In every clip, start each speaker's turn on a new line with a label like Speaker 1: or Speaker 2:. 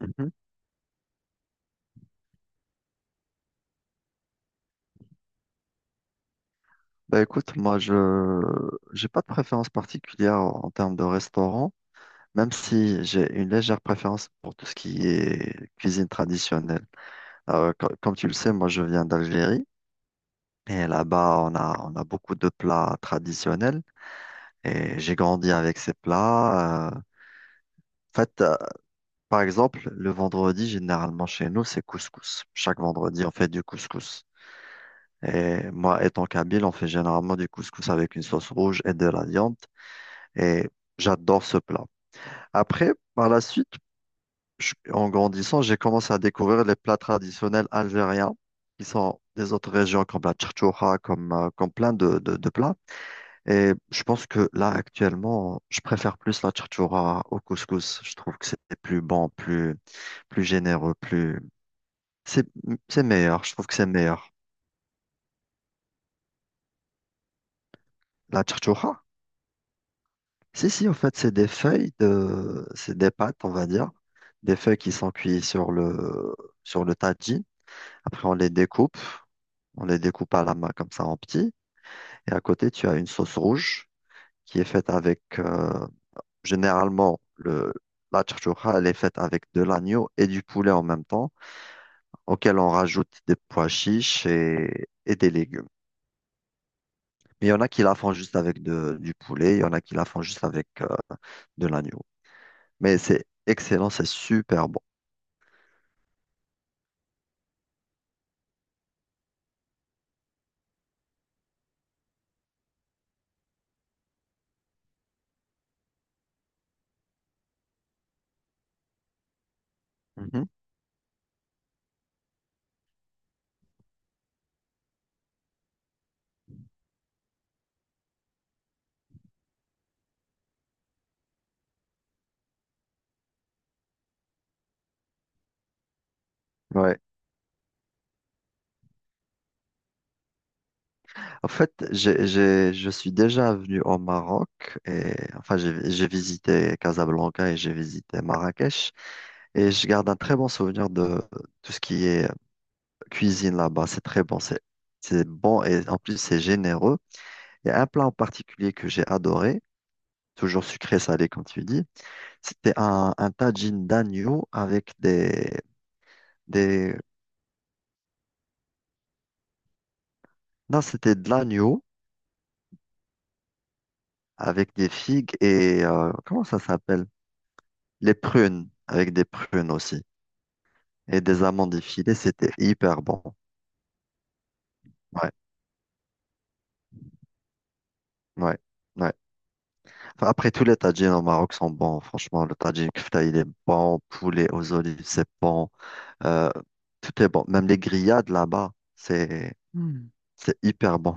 Speaker 1: Mhm. Bah écoute, moi je j'ai pas de préférence particulière en termes de restaurant, même si j'ai une légère préférence pour tout ce qui est cuisine traditionnelle. Comme tu le sais, moi je viens d'Algérie, et là-bas on a beaucoup de plats traditionnels et j'ai grandi avec ces plats. En fait, par exemple, le vendredi généralement chez nous c'est couscous. Chaque vendredi on fait du couscous. Et moi, étant kabyle, on fait généralement du couscous avec une sauce rouge et de la viande. Et j'adore ce plat. Après, par la suite, en grandissant, j'ai commencé à découvrir les plats traditionnels algériens qui sont des autres régions comme la charchoura, comme, comme plein de, de plats. Et je pense que là, actuellement, je préfère plus la charchoura au couscous. Je trouve que c'est plus bon, plus, plus généreux, plus... C'est, c'est meilleur. Je trouve que c'est meilleur. La charchoura? Si, si, en fait, c'est des feuilles de, c'est des pâtes, on va dire, des feuilles qui sont cuites sur le tajine. Après, on les découpe à la main comme ça en petits. Et à côté, tu as une sauce rouge qui est faite avec, généralement, le, la chouchoura, elle est faite avec de l'agneau et du poulet en même temps, auquel on rajoute des pois chiches et des légumes. Mais il y en a qui la font juste avec du poulet, il y en a qui la font juste avec, de l'agneau. Mais c'est excellent, c'est super bon. Mhm. Ouais. En fait, j'ai, je suis déjà venu au Maroc, et enfin j'ai visité Casablanca et j'ai visité Marrakech, et je garde un très bon souvenir de tout ce qui est cuisine là-bas. C'est très bon, c'est bon et en plus c'est généreux. Il y a un plat en particulier que j'ai adoré, toujours sucré salé comme tu dis. C'était un tagine d'agneau avec des non c'était de l'agneau avec des figues et comment ça s'appelle? Les prunes, avec des prunes aussi. Et des amandes effilées, c'était hyper bon. Ouais, ouais, ouais. Enfin, après, tous les tagines au Maroc sont bons. Franchement, le tagine kefta, il est bon. Poulet aux olives, c'est bon. Euh, Tout est bon. Même les grillades là-bas, c'est Hmm. C'est hyper bon.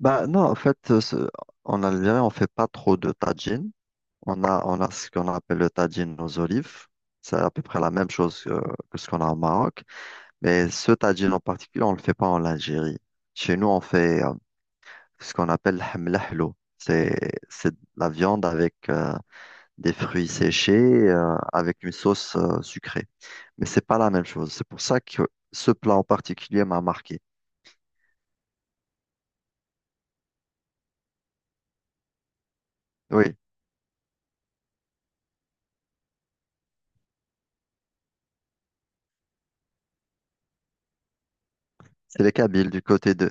Speaker 1: Bah non, en fait, en Algérie, on fait pas trop de tagine. On a ce qu'on appelle le tagine aux olives. C'est à peu près la même chose que ce qu'on a au Maroc. Mais ce tagine en particulier, on ne le fait pas en Algérie. Chez nous, on fait ce qu'on appelle le hamlahlo. C'est de la viande avec des fruits séchés, avec une sauce sucrée. Mais c'est pas la même chose. C'est pour ça que ce plat en particulier m'a marqué. Oui, c'est les Kabyles du côté de...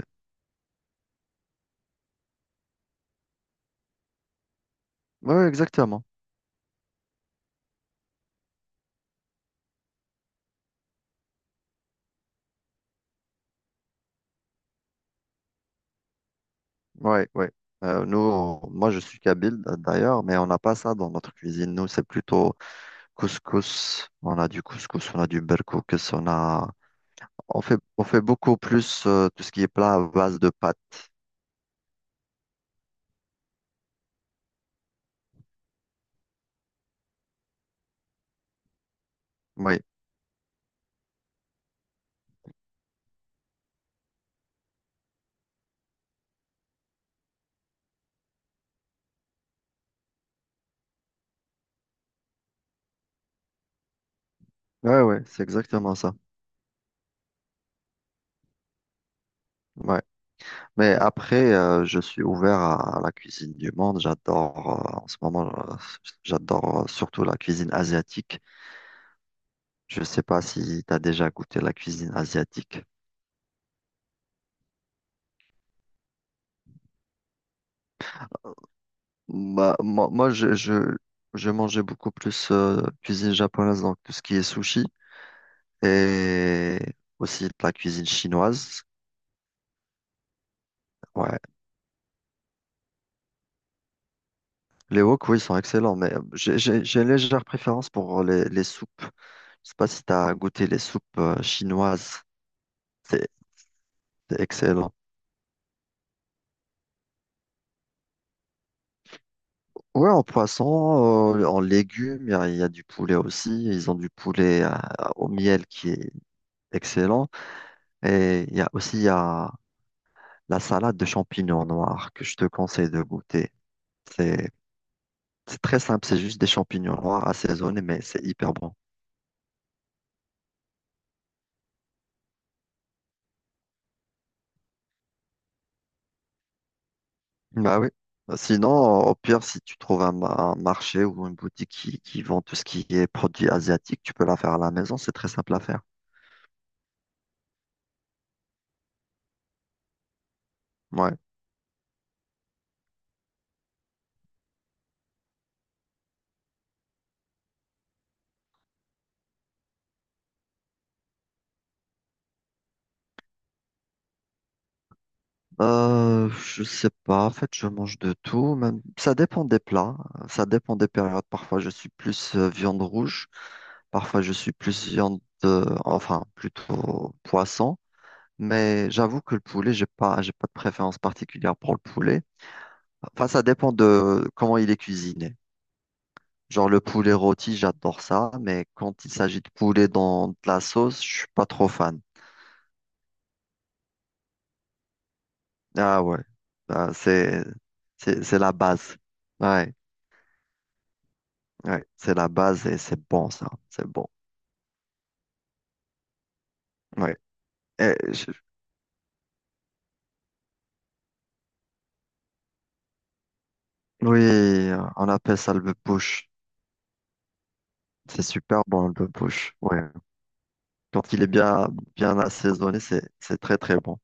Speaker 1: Oui, oui, exactement. Oui, oui. Nous, moi, je suis Kabyle d'ailleurs, mais on n'a pas ça dans notre cuisine. Nous, c'est plutôt couscous. On a du couscous, on a du berkoukes, on a... on fait beaucoup plus tout ce qui est plat à base de pâtes. Oui, ouais, ouais, c'est exactement ça. Ouais. Mais après, je suis ouvert à la cuisine du monde. J'adore, en ce moment, j'adore surtout la cuisine asiatique. Je ne sais pas si tu as déjà goûté la cuisine asiatique. Bah, moi, moi, je mangeais beaucoup plus cuisine japonaise, donc tout ce qui est sushi et aussi de la cuisine chinoise. Ouais, les wok, oui, sont excellents, mais j'ai une légère préférence pour les soupes. Je sais pas si tu as goûté les soupes chinoises. C'est c'est excellent. Ouais, en poisson, en légumes, il y a du poulet aussi. Ils ont du poulet au miel qui est excellent. Et il y a aussi il y a la salade de champignons noirs que je te conseille de goûter. C'est c'est très simple, c'est juste des champignons noirs assaisonnés, mais c'est hyper bon. Bah oui. Bah, sinon, au pire, si tu trouves un, un marché ou une boutique qui vend tout ce qui est produit asiatique, tu peux la faire à la maison, c'est très simple à faire. Ouais. Je sais pas, en fait, je mange de tout, même ça dépend des plats, ça dépend des périodes. Parfois, je suis plus viande rouge, parfois je suis plus viande enfin, plutôt poisson, mais j'avoue que le poulet, j'ai pas de préférence particulière pour le poulet. Enfin, ça dépend de comment il est cuisiné. Genre le poulet rôti, j'adore ça, mais quand il s'agit de poulet dans de la sauce, je suis pas trop fan. Ah ouais, ah, c'est la base. Ouais, ouais, c'est la base et c'est bon ça, c'est bon. Ouais. Et je- Oui, on appelle ça le push. C'est super bon le push. Ouais. Quand il est bien bien assaisonné, c'est très très bon.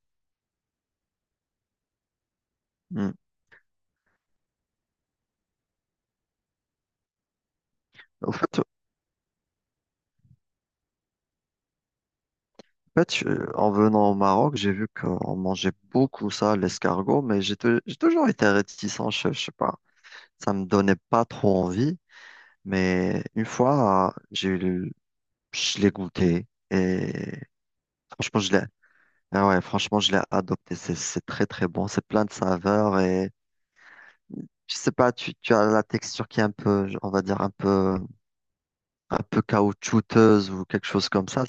Speaker 1: Mm. Au fait, en fait, en venant au Maroc, j'ai vu qu'on mangeait beaucoup ça, l'escargot, mais j'ai toujours été réticent, je sais pas. Ça me donnait pas trop envie, mais une fois, je l'ai goûté et franchement, je l'ai, ah ouais, franchement, je l'ai adopté. C'est très, très bon. C'est plein de saveurs et je sais pas, tu as la texture qui est un peu, on va dire, un peu caoutchouteuse ou quelque chose comme ça.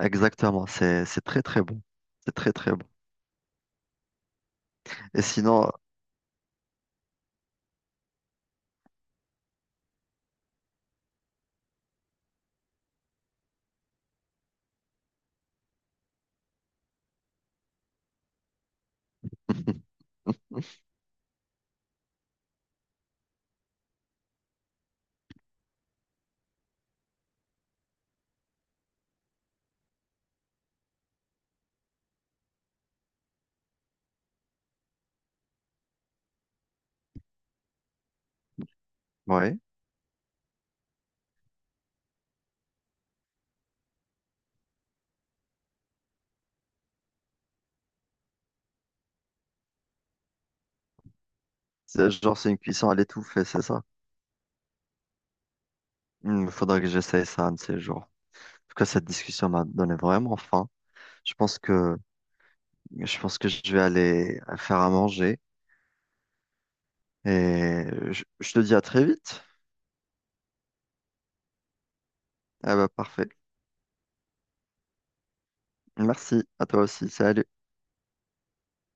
Speaker 1: Exactement. C'est très, très bon. C'est très, très bon. Et sinon, ouais, c'est genre, c'est une cuisson à l'étouffée, c'est ça? Il faudrait que j'essaye ça un de ces jours. En tout cas, cette discussion m'a donné vraiment faim. Je pense que je pense que je vais aller faire à manger et je te dis à très vite. Ah bah parfait. Merci à toi aussi. Salut.